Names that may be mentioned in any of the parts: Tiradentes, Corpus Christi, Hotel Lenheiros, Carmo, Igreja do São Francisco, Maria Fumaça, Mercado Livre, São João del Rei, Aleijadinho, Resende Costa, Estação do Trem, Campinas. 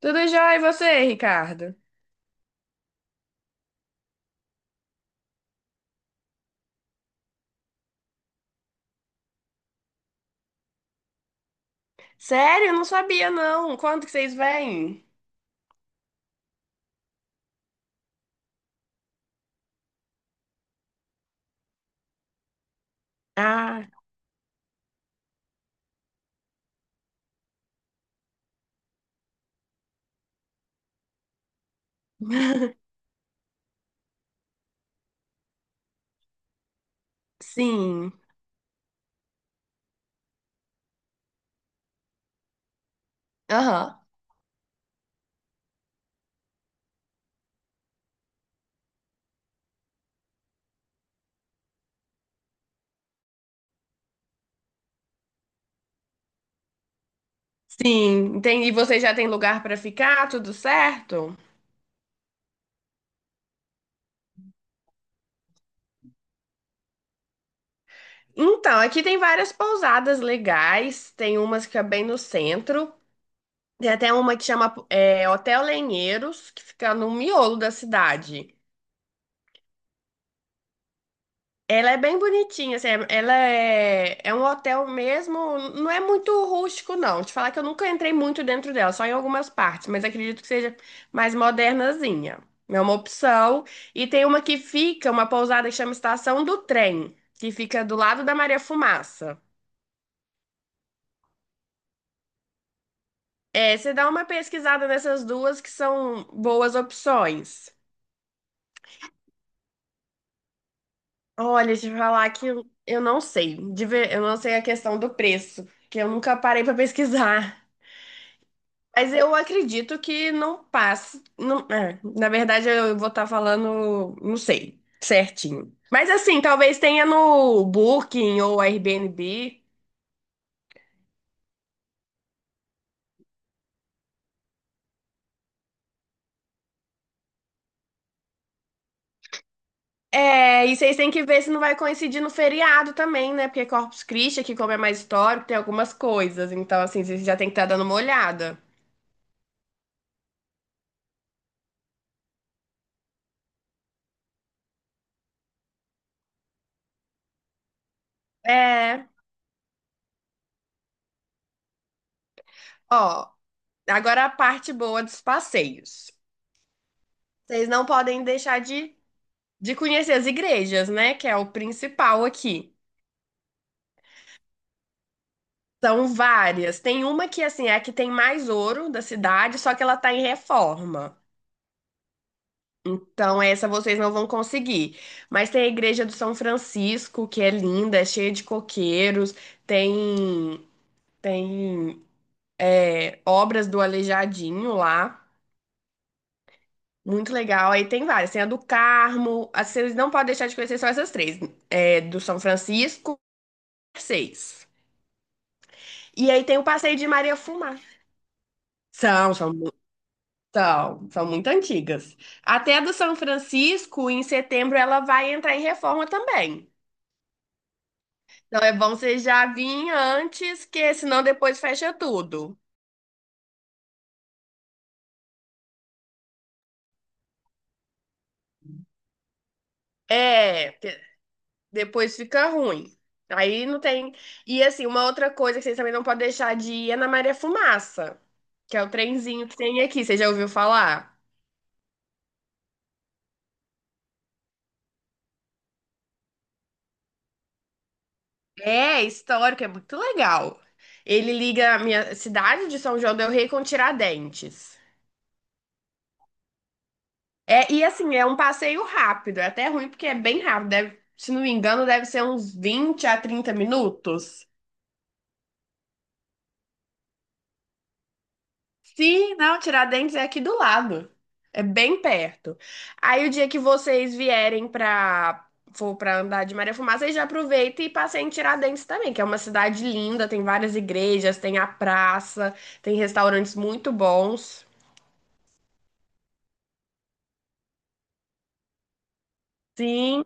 Tudo jóia, e você, Ricardo? Sério? Eu não sabia, não. Quando que vocês vêm? Ah, sim. Aham. Sim, entendi. E vocês já têm lugar para ficar? Tudo certo? Então, aqui tem várias pousadas legais. Tem umas que é bem no centro. Tem até uma que chama Hotel Lenheiros, que fica no miolo da cidade. Ela é bem bonitinha, assim, ela é um hotel mesmo, não é muito rústico, não. Te falar que eu nunca entrei muito dentro dela, só em algumas partes, mas acredito que seja mais modernazinha. É uma opção. E tem uma pousada que chama Estação do Trem, que fica do lado da Maria Fumaça. É, você dá uma pesquisada nessas duas que são boas opções. Olha, te falar que eu não sei, eu não sei a questão do preço, que eu nunca parei pra pesquisar. Mas eu acredito que não passe. Não, é, na verdade, eu vou estar falando, não sei, certinho. Mas assim, talvez tenha no Booking ou Airbnb. É, e vocês têm que ver se não vai coincidir no feriado também, né? Porque Corpus Christi, que como é mais histórico, tem algumas coisas. Então, assim, vocês já tem que estar dando uma olhada. É, ó, agora a parte boa dos passeios. Vocês não podem deixar de conhecer as igrejas, né? Que é o principal aqui. São várias. Tem uma que, assim, é a que tem mais ouro da cidade, só que ela tá em reforma. Então, essa vocês não vão conseguir. Mas tem a Igreja do São Francisco, que é linda, é cheia de coqueiros. Tem, tem obras do Aleijadinho lá. Muito legal. Aí tem várias. Tem a do Carmo. As que vocês não podem deixar de conhecer só essas três. É, do São Francisco, seis. E aí tem o Passeio de Maria Fumá. São, são são muito antigas. Até a do São Francisco, em setembro, ela vai entrar em reforma também. Então é bom você já vir antes, que senão depois fecha tudo. É, que depois fica ruim. Aí não tem. E assim, uma outra coisa que vocês também não podem deixar de ir é na Maria Fumaça, que é o trenzinho que tem aqui. Você já ouviu falar? É histórico, é muito legal. Ele liga a minha cidade de São João del Rei com Tiradentes. É, e assim, é um passeio rápido, é até ruim porque é bem rápido, se não me engano, deve ser uns 20 a 30 minutos. Sim, não, Tiradentes é aqui do lado. É bem perto. Aí o dia que vocês vierem pra for para andar de Maria Fumaça, aí já aproveita e passeia em Tiradentes também, que é uma cidade linda, tem várias igrejas, tem a praça, tem restaurantes muito bons. Sim.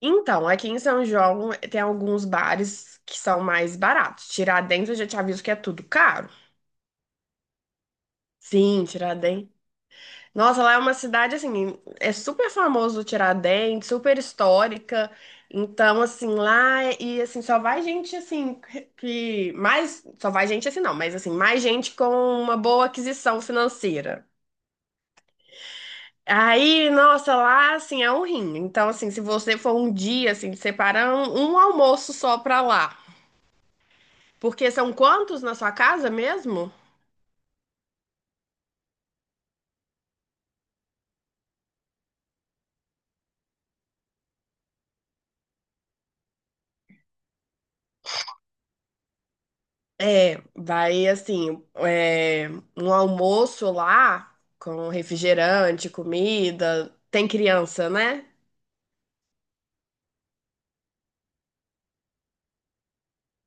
Então, aqui em São João tem alguns bares que são mais baratos. Tiradentes, eu já te aviso que é tudo caro. Sim, Tiradentes. Nossa, lá é uma cidade assim, é super famoso o Tiradentes, super histórica. Então, assim, e assim, só vai gente assim que mais, só vai gente assim não, mas assim, mais gente com uma boa aquisição financeira. Aí, nossa, lá assim é um rim. Então, assim, se você for um dia assim, separa um almoço só pra lá. Porque são quantos na sua casa mesmo? É, vai assim, um almoço lá com refrigerante, comida. Tem criança, né?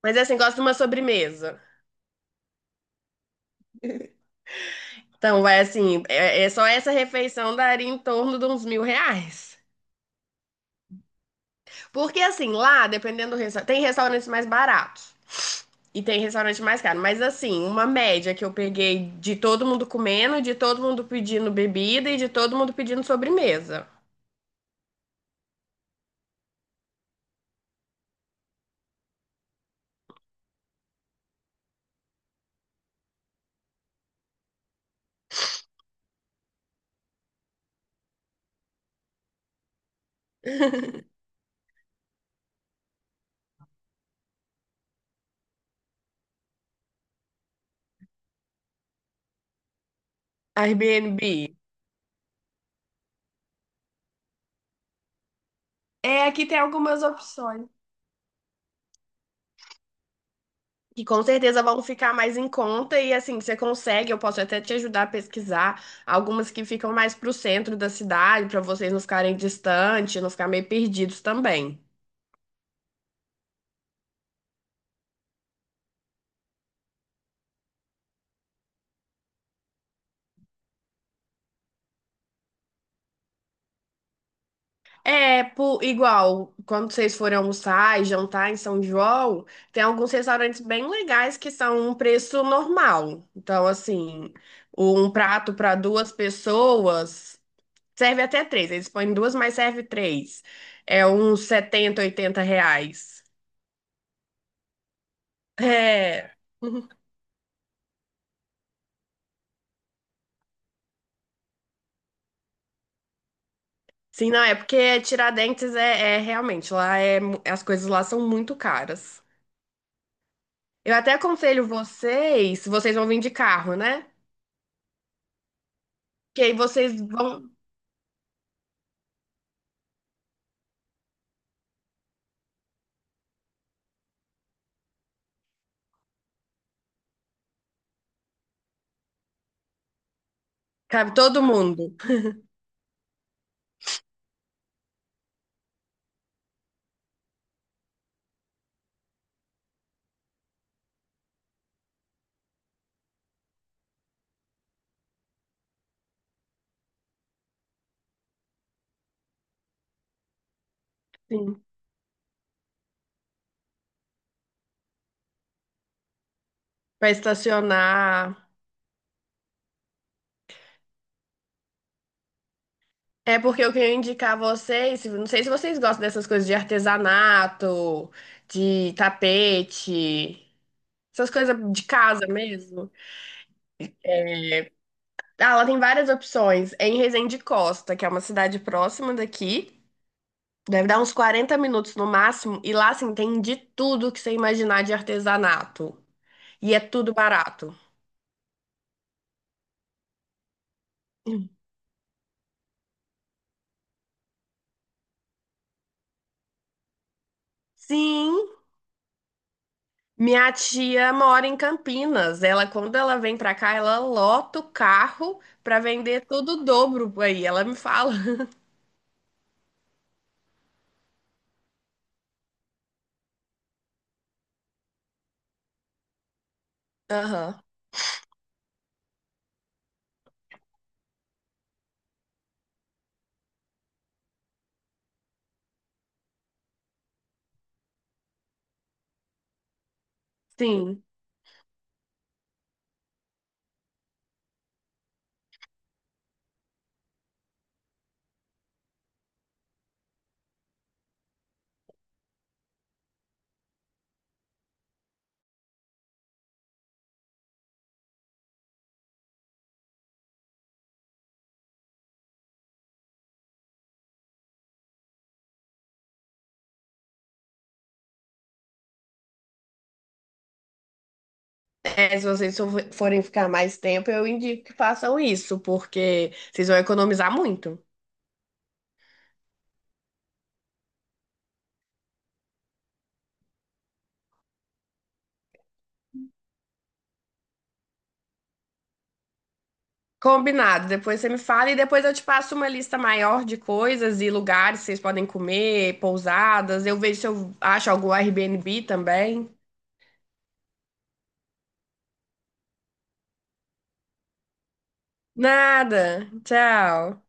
Mas é assim, gosta de uma sobremesa. Então, vai assim, só essa refeição daria em torno de uns 1.000 reais. Porque assim, lá, dependendo do restaurante, tem restaurantes mais baratos e tem restaurante mais caro. Mas assim, uma média que eu peguei de todo mundo comendo, de todo mundo pedindo bebida e de todo mundo pedindo sobremesa. Airbnb, é, aqui tem algumas opções. Que com certeza vão ficar mais em conta e assim, você consegue, eu posso até te ajudar a pesquisar algumas que ficam mais pro centro da cidade, para vocês não ficarem distantes, não ficar meio perdidos também. É, igual, quando vocês forem almoçar e jantar em São João, tem alguns restaurantes bem legais que são um preço normal. Então, assim, um prato para duas pessoas serve até três. Eles põem duas, mas serve três. É uns 70, 80 reais. É. Uhum. Sim, não, é porque Tiradentes é realmente, lá é, as coisas lá são muito caras. Eu até aconselho vocês vão vir de carro, né? Que aí vocês vão, cabe todo mundo. Sim. Pra estacionar. É porque eu queria indicar a vocês, não sei se vocês gostam dessas coisas de artesanato, de tapete, essas coisas de casa mesmo. Ah, ela tem várias opções. É em Resende Costa, que é uma cidade próxima daqui. Deve dar uns 40 minutos no máximo. E lá, assim, tem de tudo que você imaginar de artesanato. E é tudo barato. Sim, minha tia mora em Campinas. Ela, quando ela vem pra cá, ela lota o carro pra vender tudo o dobro aí. Ela me fala. Aham. Sim. É, se vocês forem ficar mais tempo, eu indico que façam isso, porque vocês vão economizar muito. Combinado, depois você me fala e depois eu te passo uma lista maior de coisas e lugares que vocês podem comer, pousadas. Eu vejo se eu acho algum Airbnb também. Nada. Tchau.